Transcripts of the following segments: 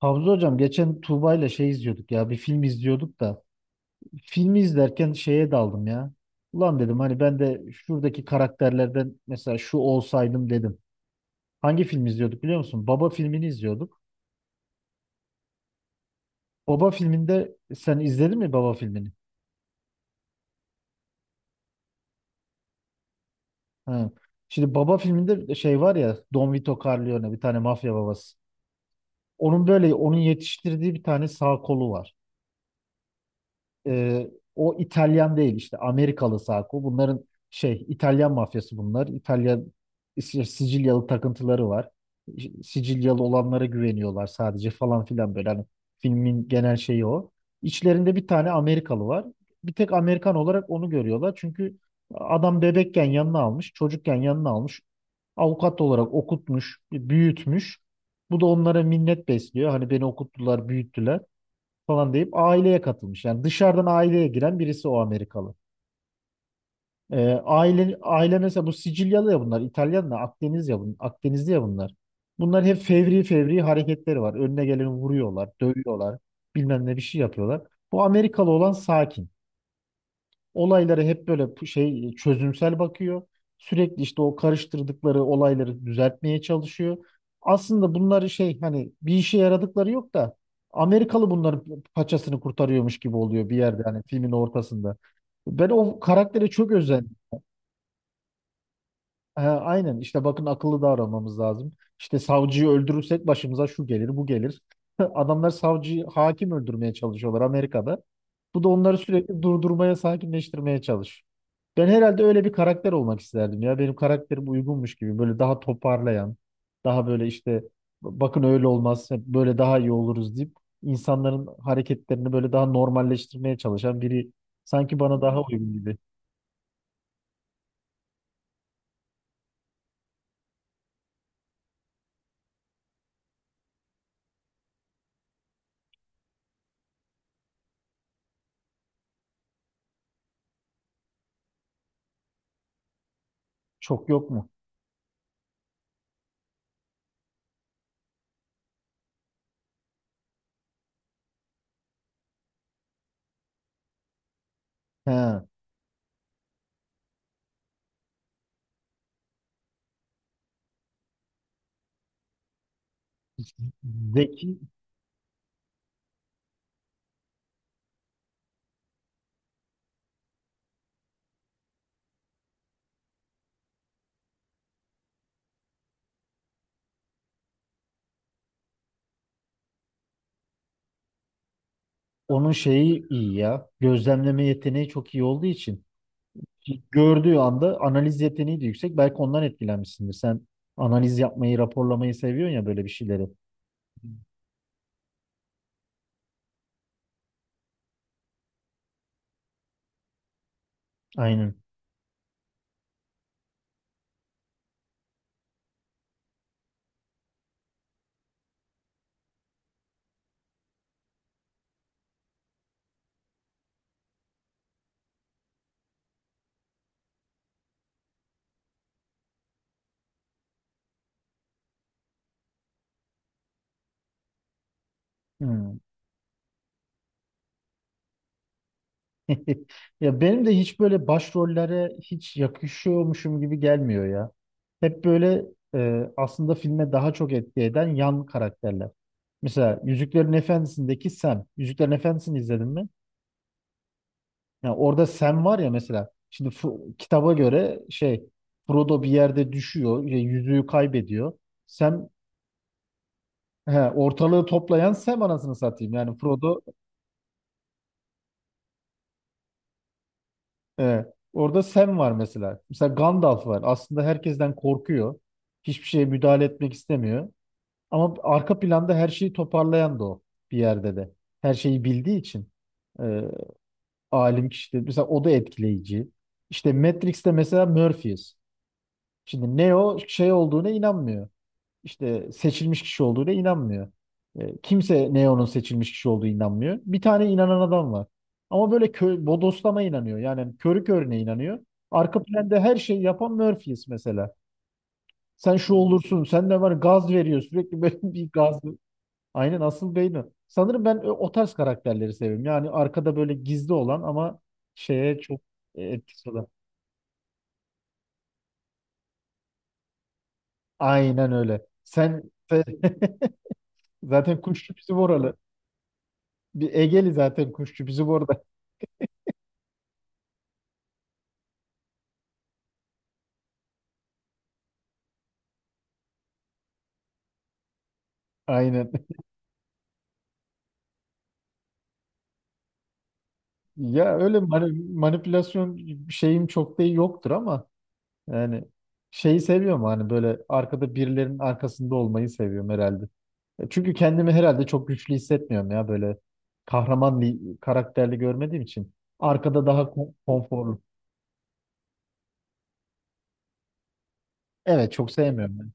Havza hocam geçen Tuğba ile izliyorduk ya bir film izliyorduk da filmi izlerken şeye daldım ya. Ulan dedim hani ben de şuradaki karakterlerden mesela şu olsaydım dedim. Hangi film izliyorduk biliyor musun? Baba filmini izliyorduk. Baba filminde sen izledin mi Baba filmini? Ha. Şimdi Baba filminde şey var ya, Don Vito Corleone, bir tane mafya babası. Onun böyle yetiştirdiği bir tane sağ kolu var. e, O İtalyan değil, işte Amerikalı Sako. Bunların İtalyan mafyası bunlar. Sicilyalı takıntıları var. İşte Sicilyalı olanlara güveniyorlar sadece falan filan, böyle hani filmin genel şeyi o. İçlerinde bir tane Amerikalı var. Bir tek Amerikan olarak onu görüyorlar. Çünkü adam bebekken yanına almış, çocukken yanına almış. Avukat olarak okutmuş, büyütmüş. Bu da onlara minnet besliyor. Hani beni okuttular, büyüttüler falan deyip aileye katılmış. Yani dışarıdan aileye giren birisi o Amerikalı. Aile mesela bu Sicilyalı ya bunlar, İtalyan da Akdeniz ya Akdenizli ya bunlar. Bunlar hep fevri fevri hareketleri var. Önüne geleni vuruyorlar, dövüyorlar, bilmem ne bir şey yapıyorlar. Bu Amerikalı olan sakin, olaylara hep böyle çözümsel bakıyor. Sürekli işte o karıştırdıkları olayları düzeltmeye çalışıyor. Aslında bunları şey, hani bir işe yaradıkları yok da Amerikalı bunların paçasını kurtarıyormuş gibi oluyor bir yerde, hani filmin ortasında. Ben o karaktere çok özen. He, aynen, işte bakın akıllı davranmamız lazım. İşte savcıyı öldürürsek başımıza şu gelir bu gelir. Adamlar savcıyı hakim öldürmeye çalışıyorlar Amerika'da. Bu da onları sürekli durdurmaya, sakinleştirmeye çalış. Ben herhalde öyle bir karakter olmak isterdim ya. Benim karakterim uygunmuş gibi, böyle daha toparlayan, daha böyle işte bakın öyle olmaz, hep böyle daha iyi oluruz deyip insanların hareketlerini böyle daha normalleştirmeye çalışan biri sanki bana daha uygun gibi. Çok yok mu? He. Zeki. Onun şeyi iyi ya. Gözlemleme yeteneği çok iyi olduğu için gördüğü anda analiz yeteneği de yüksek. Belki ondan etkilenmişsindir. Sen analiz yapmayı, raporlamayı seviyorsun ya, böyle bir şeyleri. Aynen. Hmm. Ya benim de hiç böyle başrollere hiç yakışıyormuşum gibi gelmiyor ya. Hep böyle, aslında filme daha çok etki eden yan karakterler. Mesela Yüzüklerin Efendisi'ndeki Sam. Yüzüklerin Efendisi'ni izledin mi? Ya orada Sam var ya mesela, şimdi kitaba göre şey, Frodo bir yerde düşüyor, şey, yüzüğü kaybediyor. Sam, he, ortalığı toplayan Sam anasını satayım. Yani Frodo, e, orada Sam var mesela. Mesela Gandalf var. Aslında herkesten korkuyor. Hiçbir şeye müdahale etmek istemiyor. Ama arka planda her şeyi toparlayan da o, bir yerde de. Her şeyi bildiği için, e, alim kişi de. Mesela o da etkileyici. İşte Matrix'te mesela Morpheus. Şimdi Neo şey olduğuna inanmıyor. İşte seçilmiş kişi olduğuna inanmıyor. Kimse Neo'nun seçilmiş kişi olduğuna inanmıyor. Bir tane inanan adam var. Ama böyle bodoslama inanıyor. Yani körü körüne inanıyor. Arka planda her şeyi yapan Murphy's mesela. Sen şu olursun, sen de var, gaz veriyor sürekli böyle bir gaz. Aynen, asıl beyni. Sanırım ben o tarz karakterleri seviyorum. Yani arkada böyle gizli olan ama şeye çok, etkisi olan. Aynen öyle. Sen sen- zaten kuşçu bizim oralı. Bir Egeli zaten kuşçu bizim orada. Aynen. Ya öyle manipülasyon şeyim çok da yoktur ama yani şeyi seviyorum, hani böyle arkada birilerinin arkasında olmayı seviyorum herhalde. E, çünkü kendimi herhalde çok güçlü hissetmiyorum ya, böyle kahraman bir karakterli görmediğim için. Arkada daha konforlu. Evet, çok sevmiyorum ben.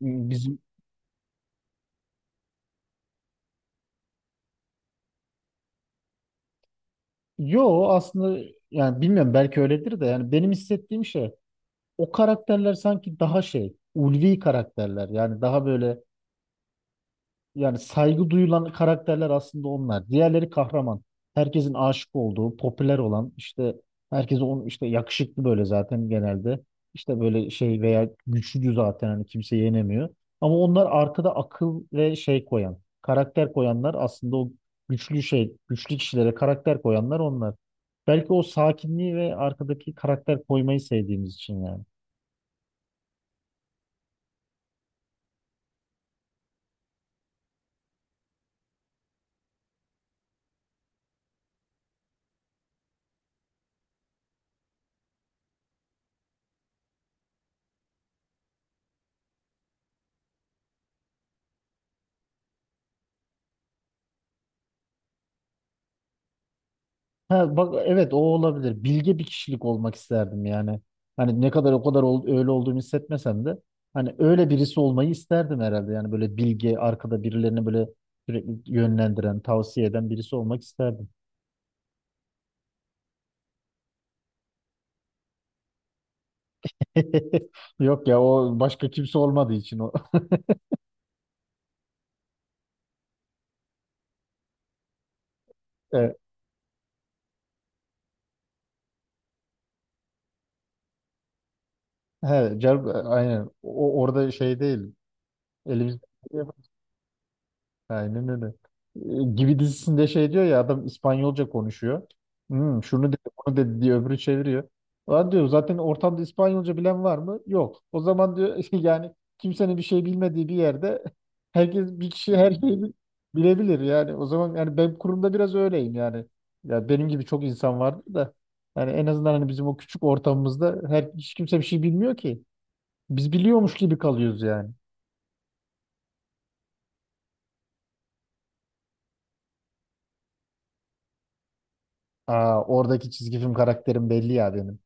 Bizim, yo aslında yani bilmiyorum, belki öyledir de yani benim hissettiğim şey, o karakterler sanki daha şey ulvi karakterler, yani daha böyle. Yani saygı duyulan karakterler aslında onlar. Diğerleri kahraman. Herkesin aşık olduğu, popüler olan, işte herkese onun işte yakışıklı, böyle zaten genelde. İşte böyle şey veya güçlü, zaten hani kimse yenemiyor. Ama onlar arkada akıl ve şey koyan, karakter koyanlar aslında o güçlü şey, güçlü kişilere karakter koyanlar onlar. Belki o sakinliği ve arkadaki karakter koymayı sevdiğimiz için yani. Ha, bak evet, o olabilir. Bilge bir kişilik olmak isterdim yani. Hani ne kadar o kadar öyle olduğumu hissetmesem de hani öyle birisi olmayı isterdim herhalde. Yani böyle bilge, arkada birilerini böyle sürekli yönlendiren, tavsiye eden birisi olmak isterdim. Yok ya, o başka kimse olmadığı için o. E, he, aynen. O orada şey değil. Elimiz. Aynen öyle. Gibi dizisinde şey diyor ya, adam İspanyolca konuşuyor. Hmm, şunu dedi, bunu dedi diye öbürü çeviriyor. Lan diyor, zaten ortamda İspanyolca bilen var mı? Yok. O zaman diyor yani kimsenin bir şey bilmediği bir yerde herkes bir kişi her şeyi bilebilir yani. O zaman yani ben kurumda biraz öyleyim yani. Ya benim gibi çok insan vardı da yani en azından hani bizim o küçük ortamımızda her hiç kimse bir şey bilmiyor ki. Biz biliyormuş gibi kalıyoruz yani. Aa, oradaki çizgi film karakterim belli ya benim.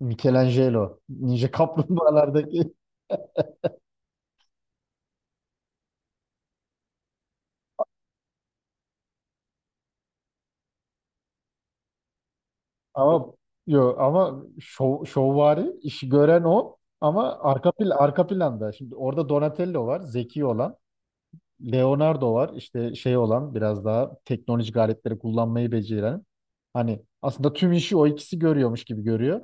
Michelangelo. Ninja Kaplumbağalardaki. Ama yo ama şovvari işi gören o, ama arka plan, arka planda. Şimdi orada Donatello var, zeki olan. Leonardo var, işte şey olan, biraz daha teknolojik aletleri kullanmayı beceren. Hani aslında tüm işi o ikisi görüyormuş gibi görüyor.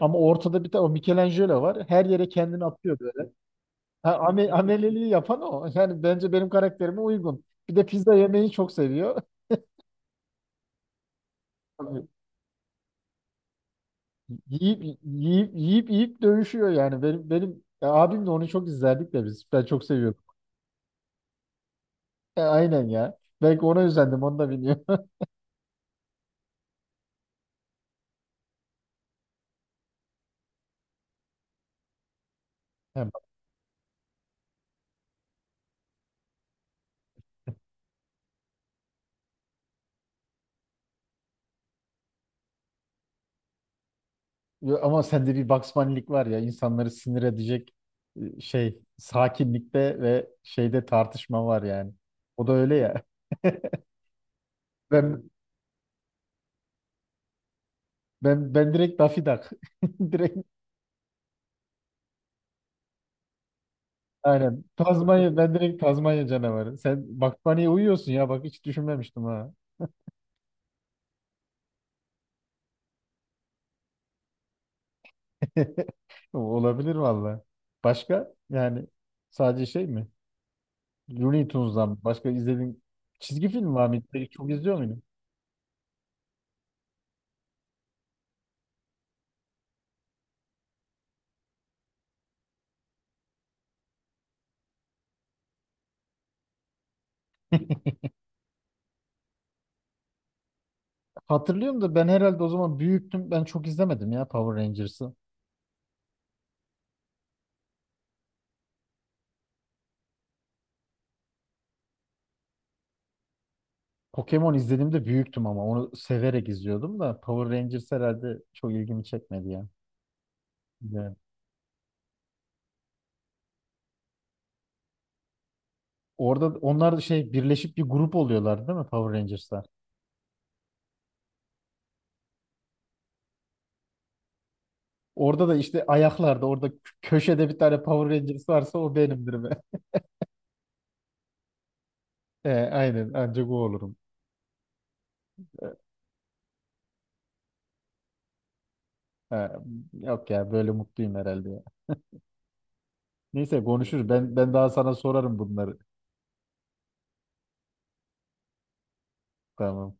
Ama ortada bir tane o Michelangelo var. Her yere kendini atıyor böyle. Ha, ameleliği yapan o. Yani bence benim karakterime uygun. Bir de pizza yemeyi çok seviyor. Yiyip dövüşüyor yani. Benim abimle onu çok izlerdik de biz. Ben çok seviyordum. E, aynen ya. Belki ona özendim, onu da bilmiyorum. Ya bak. Ama sende bir Bugs var ya, insanları sinir edecek, şey sakinlikte ve şeyde tartışma var yani. O da öyle ya. Ben ben direkt Daffy Duck. Direkt aynen. Tazmanya, ben direkt Tazmanya canavarı. Sen Bugs Bunny'ye uyuyorsun ya, bak hiç düşünmemiştim ha. Olabilir valla. Başka yani sadece şey mi? Looney Tunes'dan başka izlediğin çizgi film var mı? Peki, çok izliyor muydun? Hatırlıyorum da ben herhalde o zaman büyüktüm. Ben çok izlemedim ya Power Rangers'ı. Pokemon izlediğimde büyüktüm ama onu severek izliyordum da Power Rangers herhalde çok ilgimi çekmedi ya. Yani orada onlar da şey birleşip bir grup oluyorlar değil mi Power Rangers'lar? Orada da işte ayaklarda, orada köşede bir tane Power Rangers varsa o benimdir be. E, aynen, ancak o olurum. E, ha, yok ya, böyle mutluyum herhalde ya. Neyse. Evet, konuşuruz. Ben daha sana sorarım bunları. Tamam.